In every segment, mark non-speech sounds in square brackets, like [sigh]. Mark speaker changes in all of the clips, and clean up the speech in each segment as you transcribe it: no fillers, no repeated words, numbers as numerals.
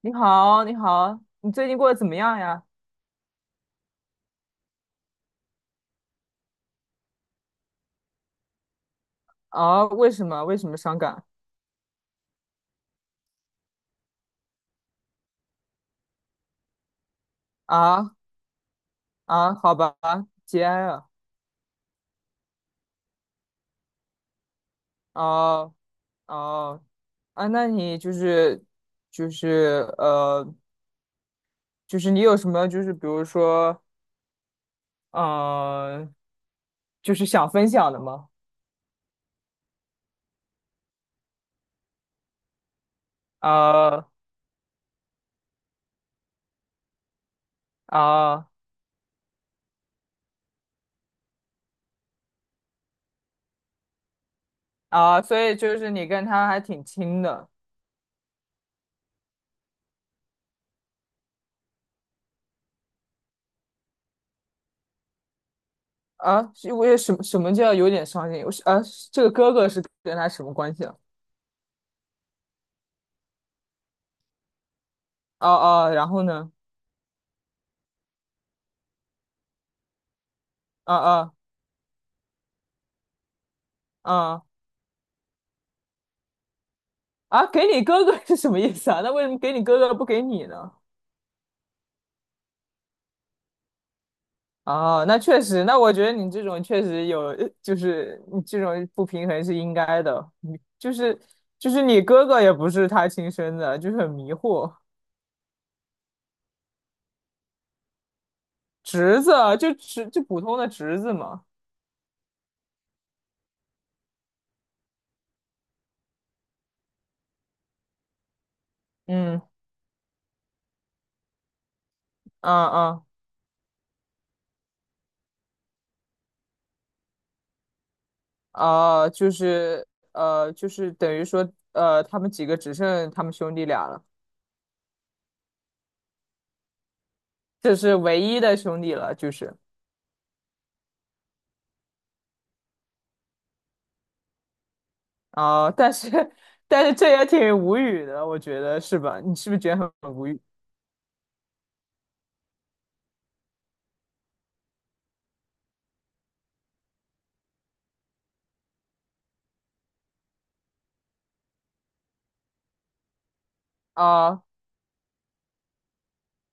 Speaker 1: 你好，你好，你最近过得怎么样呀？啊，为什么？为什么伤感？啊啊，好吧，节哀啊，哦哦啊，那你就是就是就是你有什么就是比如说嗯、呃，就是想分享的吗？啊啊啊，所以就是你跟他还挺亲的啊？是因为什么什么叫有点伤心？我是啊，这个哥哥是跟他什么关系啊？哦哦，然后呢？啊啊。啊啊，给你哥哥是什么意思啊？那为什么给你哥哥不给你呢？啊，那确实，那我觉得你这种确实有，就是你这种不平衡是应该的。你就是就是你哥哥也不是他亲生的，就是很迷惑。侄子啊就普通的侄子嘛。嗯啊啊啊，就是就是等于说他们几个只剩他们兄弟俩了，这是唯一的兄弟了，就是。啊、但是 [laughs] 但是这也挺无语的，我觉得是吧？你是不是觉得很无语啊、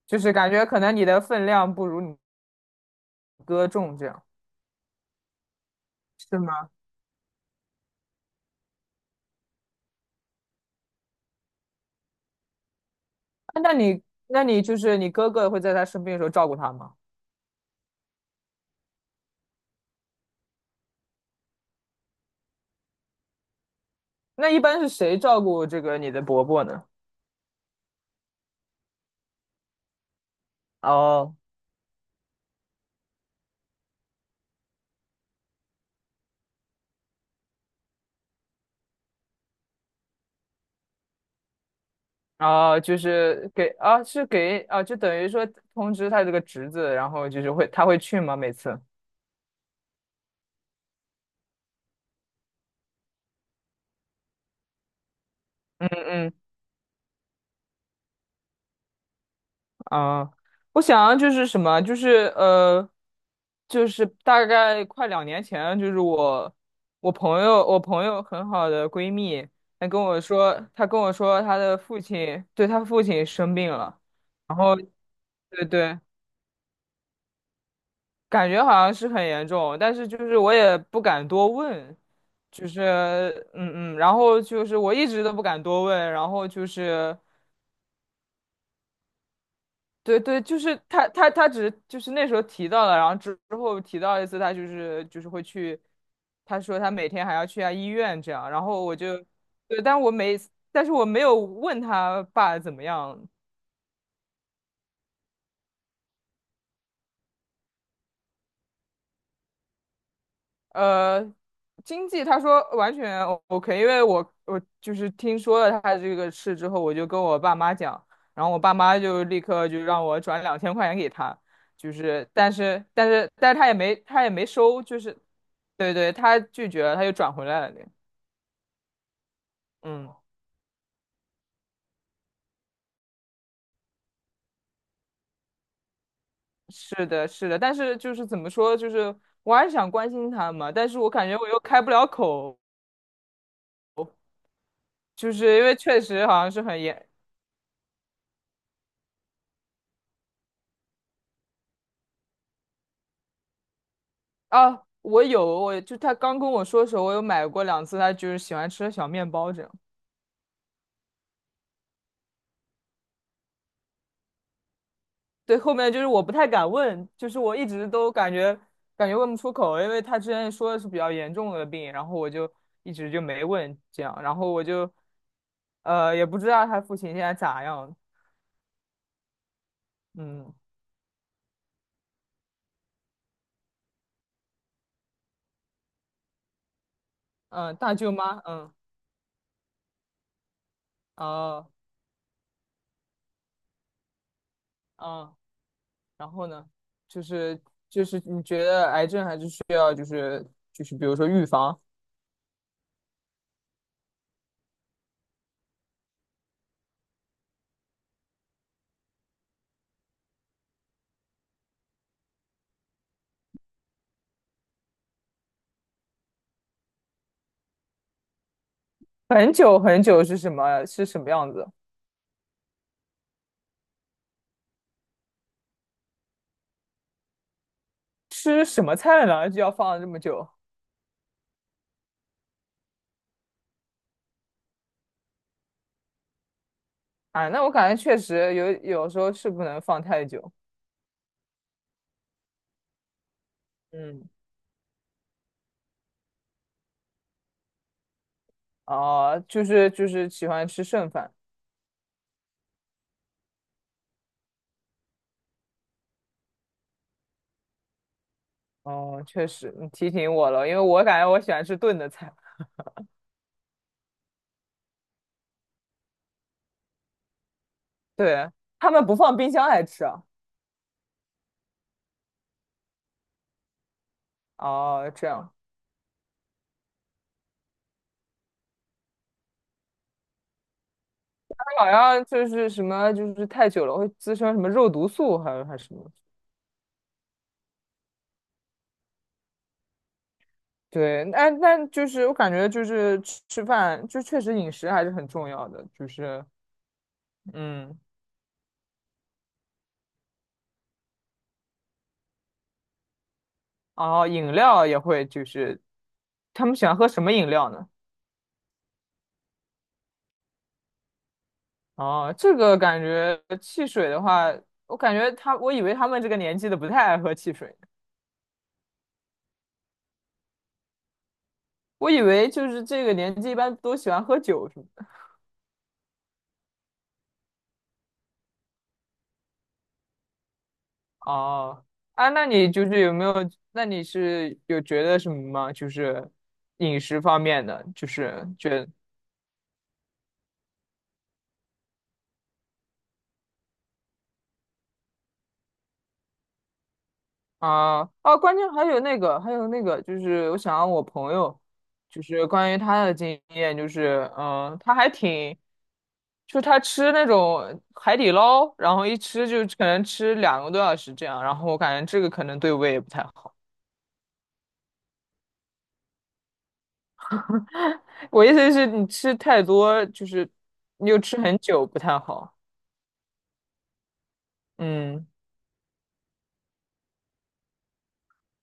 Speaker 1: 就是感觉可能你的分量不如你哥重，这样是吗？啊那你就是你哥哥会在他生病的时候照顾他吗？那一般是谁照顾这个你的伯伯呢？哦哦，就是给啊，是给啊，就等于说通知他这个侄子，然后就是他会去吗？每次？嗯嗯啊，我想就是什么，就是就是大概快两年前，就是我我朋友很好的闺蜜，她跟我说她的父亲，对，她父亲生病了，然后对对，感觉好像是很严重，但是就是我也不敢多问，就是嗯嗯，然后就是我一直都不敢多问，然后就是。对对，就是他只是就是那时候提到了，然后之后提到一次，他就是会去，他说他每天还要去下医院这样，然后我就，对，但我没，但是我没有问他爸怎么样，呃，经济他说完全 OK，因为我就是听说了他这个事之后，我就跟我爸妈讲，然后我爸妈就立刻就让我转两千块钱给他，就是但是他也没收，就是对对，他拒绝了，他又转回来了。嗯，是的，是的，但是就是怎么说，就是我还是想关心他嘛，但是我感觉我又开不了口，就是因为确实好像是很严，啊，我有，我就他刚跟我说的时候，我有买过两次，他就是喜欢吃的小面包这样。对，后面就是我不太敢问，就是我一直都感觉问不出口，因为他之前说的是比较严重的病，然后我就一直就没问这样，然后我就也不知道他父亲现在咋样，嗯嗯，大舅妈，嗯哦嗯，然后呢，就是就是你觉得癌症还是需要就是就是比如说预防。很久很久是什么是什么样子？吃什么菜呢？就要放这么久啊？那我感觉确实有时候是不能放太久。嗯，啊、就是喜欢吃剩饭。哦、确实，你提醒我了，因为我感觉我喜欢吃炖的菜。对，他们不放冰箱来吃啊？哦、这样，他好像就是什么就是太久了会滋生什么肉毒素，还有还是什么？对，那就是我感觉就是吃饭，就确实饮食还是很重要的，就是嗯，哦，饮料也会，就是他们喜欢喝什么饮料呢？哦，这个感觉汽水的话，我感觉他，我以为他们这个年纪的不太爱喝汽水，我以为就是这个年纪一般都喜欢喝酒什么的。哦，啊，那你就是有没有？那你是有觉得什么吗？就是饮食方面的，就是觉啊啊！关键还有那个，还有那个，就是我想让我朋友，就是关于他的经验，就是嗯，他还挺，就他吃那种海底捞，然后一吃就可能吃两个多小时这样，然后我感觉这个可能对胃也不太好。我意思是你吃太多，就是你又吃很久不太好。嗯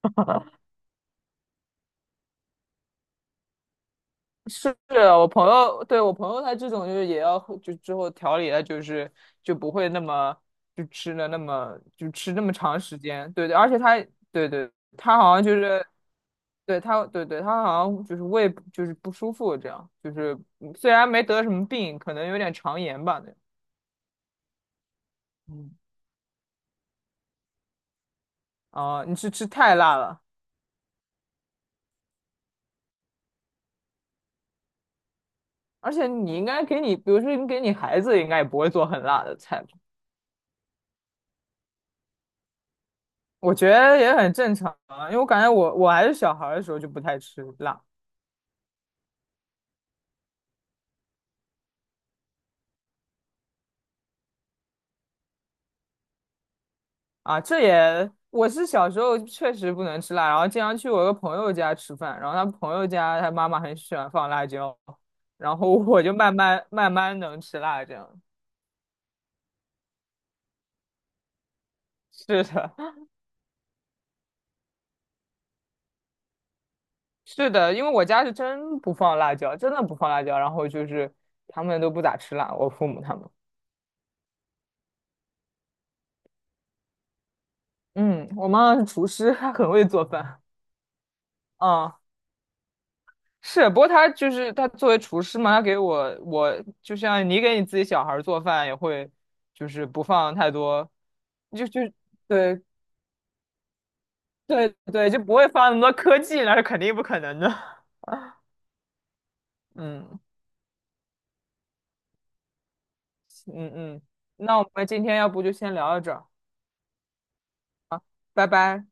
Speaker 1: [laughs] 是我朋友，对，我朋友他这种就是也要就之后调理他就是就不会那么就吃那么长时间，对对，而且他对对，他好像就是对他对对他好像就是胃不就是不舒服这样，就是嗯虽然没得什么病，可能有点肠炎吧那种。嗯，啊，你是吃太辣了，而且你应该给你，比如说你给你孩子，应该也不会做很辣的菜我觉得也很正常，啊，因为我感觉我还是小孩儿的时候就不太吃辣啊，这也我是小时候确实不能吃辣，然后经常去我一个朋友家吃饭，然后他朋友家他妈妈很喜欢放辣椒，然后我就慢慢慢慢能吃辣这样。是的，[laughs] 是的，因为我家是真不放辣椒，真的不放辣椒，然后就是他们都不咋吃辣，我父母他们，嗯，我妈妈是厨师，她很会做饭，啊是，不过他就是他作为厨师嘛，他给我就像你给你自己小孩儿做饭也会，就是不放太多，就对对对，就不会放那么多科技，那是肯定不可能的。[laughs] 嗯嗯嗯，那我们今天要不就先聊到这儿，拜拜。